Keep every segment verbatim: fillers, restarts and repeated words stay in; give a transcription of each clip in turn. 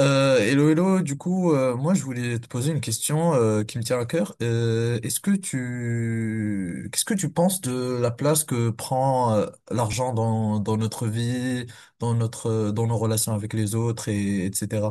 Euh, hello, hello, du coup, euh, moi je voulais te poser une question euh, qui me tient à cœur. Euh, est-ce que tu, qu'est-ce que tu penses de la place que prend euh, l'argent dans, dans notre vie, dans notre, dans nos relations avec les autres et etc.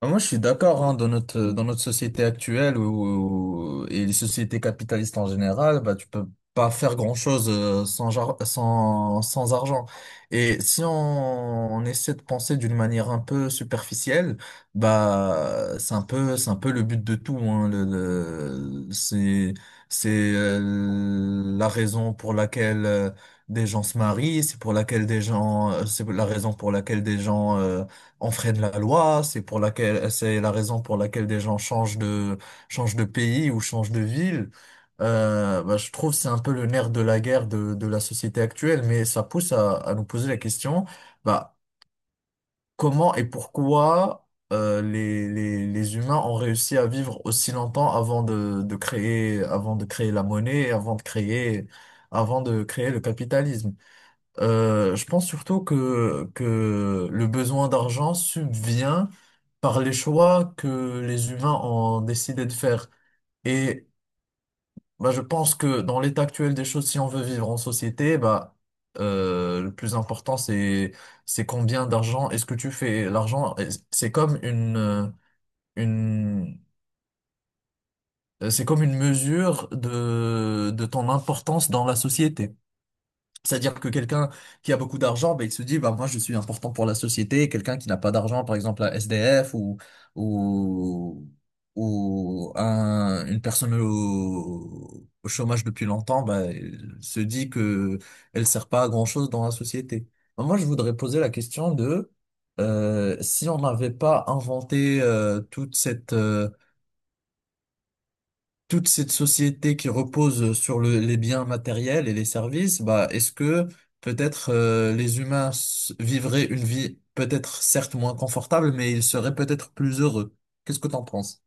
Ah, moi, je suis d'accord, hein, dans notre, euh, dans notre société actuelle où, et les sociétés capitalistes en général, bah, tu peux pas faire grand-chose euh, sans, jar- sans, sans argent. Et si on, on essaie de penser d'une manière un peu superficielle, bah, c'est un peu, c'est un peu le but de tout, hein, le, le- c'est, c'est euh, la raison pour laquelle euh, des gens se marient, c'est pour laquelle des gens, euh, c'est la raison pour laquelle des gens euh, on freine la loi, c'est pour laquelle, c'est la raison pour laquelle des gens changent de, changent de pays ou changent de ville. Euh, bah, je trouve que c'est un peu le nerf de la guerre de, de la société actuelle, mais ça pousse à, à nous poser la question, bah, comment et pourquoi euh, les, les, les humains ont réussi à vivre aussi longtemps avant de, de créer, avant de créer la monnaie, avant de créer, avant de créer le capitalisme. Euh, je pense surtout que, que le besoin d'argent subvient par les choix que les humains ont décidé de faire. Et bah, je pense que dans l'état actuel des choses, si on veut vivre en société, bah, euh, le plus important, c'est, c'est combien d'argent est-ce que tu fais. L'argent, c'est comme une, euh, une, c'est comme une mesure de, de ton importance dans la société. C'est-à-dire que quelqu'un qui a beaucoup d'argent, ben, il se dit, bah, moi, je suis important pour la société. Quelqu'un qui n'a pas d'argent, par exemple, un S D F ou, ou, ou un- une personne au, au chômage depuis longtemps, ben, il se dit que elle sert pas à grand-chose dans la société. Ben, moi, je voudrais poser la question de, euh, si on n'avait pas inventé, euh, toute cette, euh, toute cette société qui repose euh, sur le- les biens matériels et les services, bah, est-ce que peut-être euh, les humains s- vivraient une vie peut-être certes moins confortable, mais ils seraient peut-être plus heureux? Qu'est-ce que t'en penses?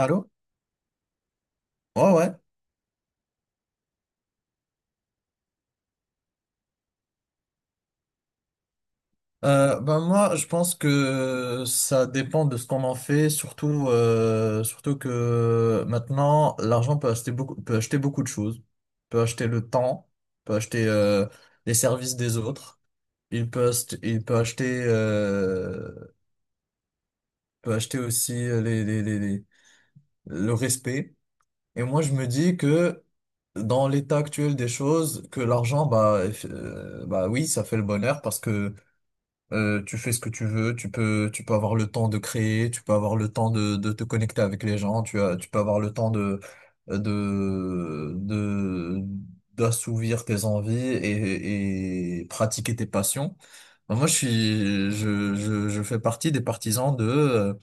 Allô? Ouais, ouais. Euh, ben moi, je pense que ça dépend de ce qu'on en fait, surtout, euh, surtout que maintenant, l'argent peut acheter beaucoup, peut acheter beaucoup de choses, peut acheter le temps, peut acheter euh, les services des autres. Il peut, ast- il peut acheter, euh, peut acheter aussi euh, les, les, les, les- le respect. Et moi, je me dis que dans l'état actuel des choses, que l'argent, bah, eff- euh, bah oui, ça fait le bonheur parce que euh, tu fais ce que tu veux, tu peux, tu peux avoir le temps de créer, tu peux avoir le temps de, de te connecter avec les gens, tu as, tu peux avoir le temps de, de, de, d'assouvir tes envies et, et pratiquer tes passions. Ben, moi, je suis, je, je, je fais partie des partisans de, euh,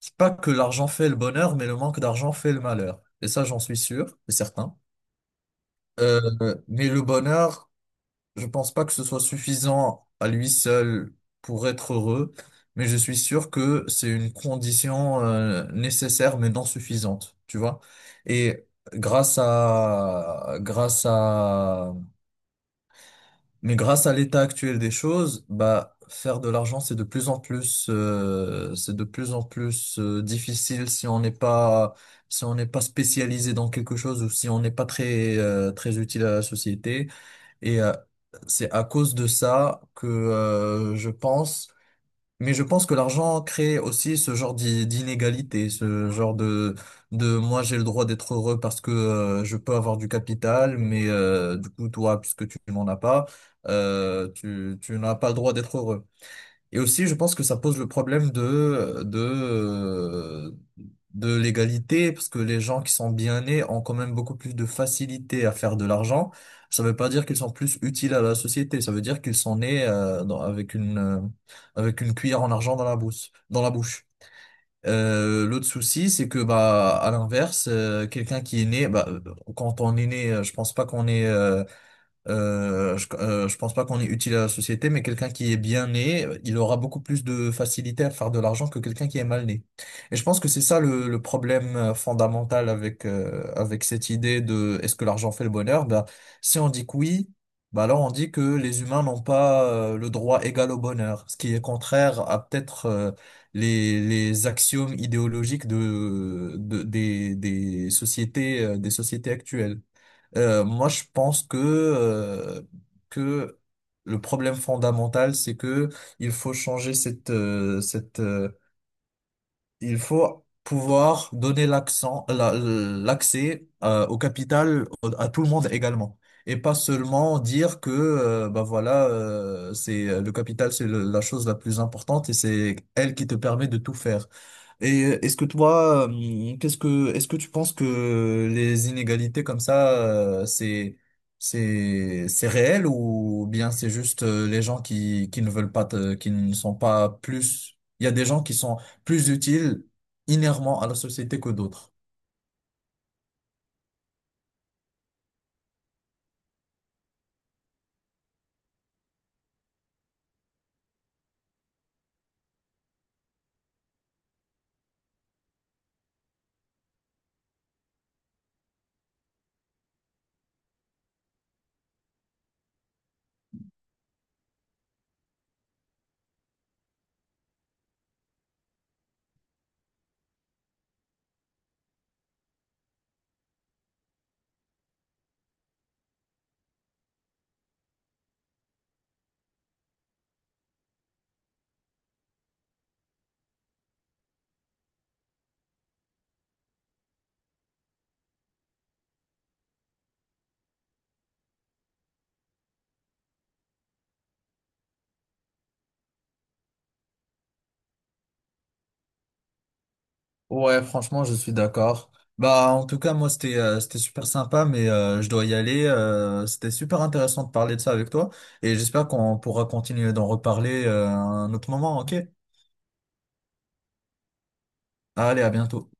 c'est pas que l'argent fait le bonheur, mais le manque d'argent fait le malheur. Et ça, j'en suis sûr et certain. Euh, mais le bonheur, je pense pas que ce soit suffisant à lui seul pour être heureux, mais je suis sûr que c'est une condition euh, nécessaire mais non suffisante, tu vois. Et grâce à grâce à mais grâce à l'état actuel des choses, bah faire de l'argent c'est de plus en plus euh, c'est de plus en plus euh, difficile si on n'est pas si on n'est pas spécialisé dans quelque chose ou si on n'est pas très euh, très utile à la société. Et euh, c'est à cause de ça que euh, je pense, mais je pense que l'argent crée aussi ce genre d'i- d'inégalité, ce genre de, de moi j'ai le droit d'être heureux parce que euh, je peux avoir du capital, mais euh, du coup toi, puisque tu n'en as pas, euh, tu, tu n'as pas le droit d'être heureux. Et aussi, je pense que ça pose le problème de, de, de l'égalité, parce que les gens qui sont bien nés ont quand même beaucoup plus de facilité à faire de l'argent. Ça veut pas dire qu'ils sont plus utiles à la société, ça veut dire qu'ils sont nés euh, dans- avec une, euh, avec une cuillère en argent dans la bouche, dans la bouche. Euh, l'autre souci, c'est que bah à l'inverse, euh, quelqu'un qui est né, bah, euh, quand on est né, euh, je pense pas qu'on est euh, euh, je, euh, je pense pas qu'on est utile à la société, mais quelqu'un qui est bien né, il aura beaucoup plus de facilité à faire de l'argent que quelqu'un qui est mal né. Et je pense que c'est ça le, le problème euh, fondamental avec euh, avec cette idée de est-ce que l'argent fait le bonheur? Ben, si on dit que oui, ben alors on dit que les humains n'ont pas euh, le droit égal au bonheur, ce qui est contraire à peut-être euh, les les axiomes idéologiques de, de des des sociétés euh, des sociétés actuelles. Euh, moi, je pense que, euh, que le problème fondamental, c'est que il faut changer cette, euh, cette, euh, il faut pouvoir donner l'accent, euh, la- l'accès euh, au capital à tout le monde également. Et pas seulement dire que euh, bah voilà euh, c'est euh, le capital c'est le- la chose la plus importante et c'est elle qui te permet de tout faire. Et euh, est-ce que toi hum, qu'est-ce que est-ce que tu penses que les inégalités comme ça euh, c'est c'est c'est réel ou bien c'est juste euh, les gens qui qui ne veulent pas te- qui ne sont pas plus il y a des gens qui sont plus utiles inhéremment à la société que d'autres. Ouais, franchement, je suis d'accord. Bah, en tout cas, moi, c'était euh, c'était super sympa, mais euh, je dois y aller. Euh, c'était super intéressant de parler de ça avec toi, et j'espère qu'on pourra continuer d'en reparler euh, à un autre moment, ok? Allez, à bientôt.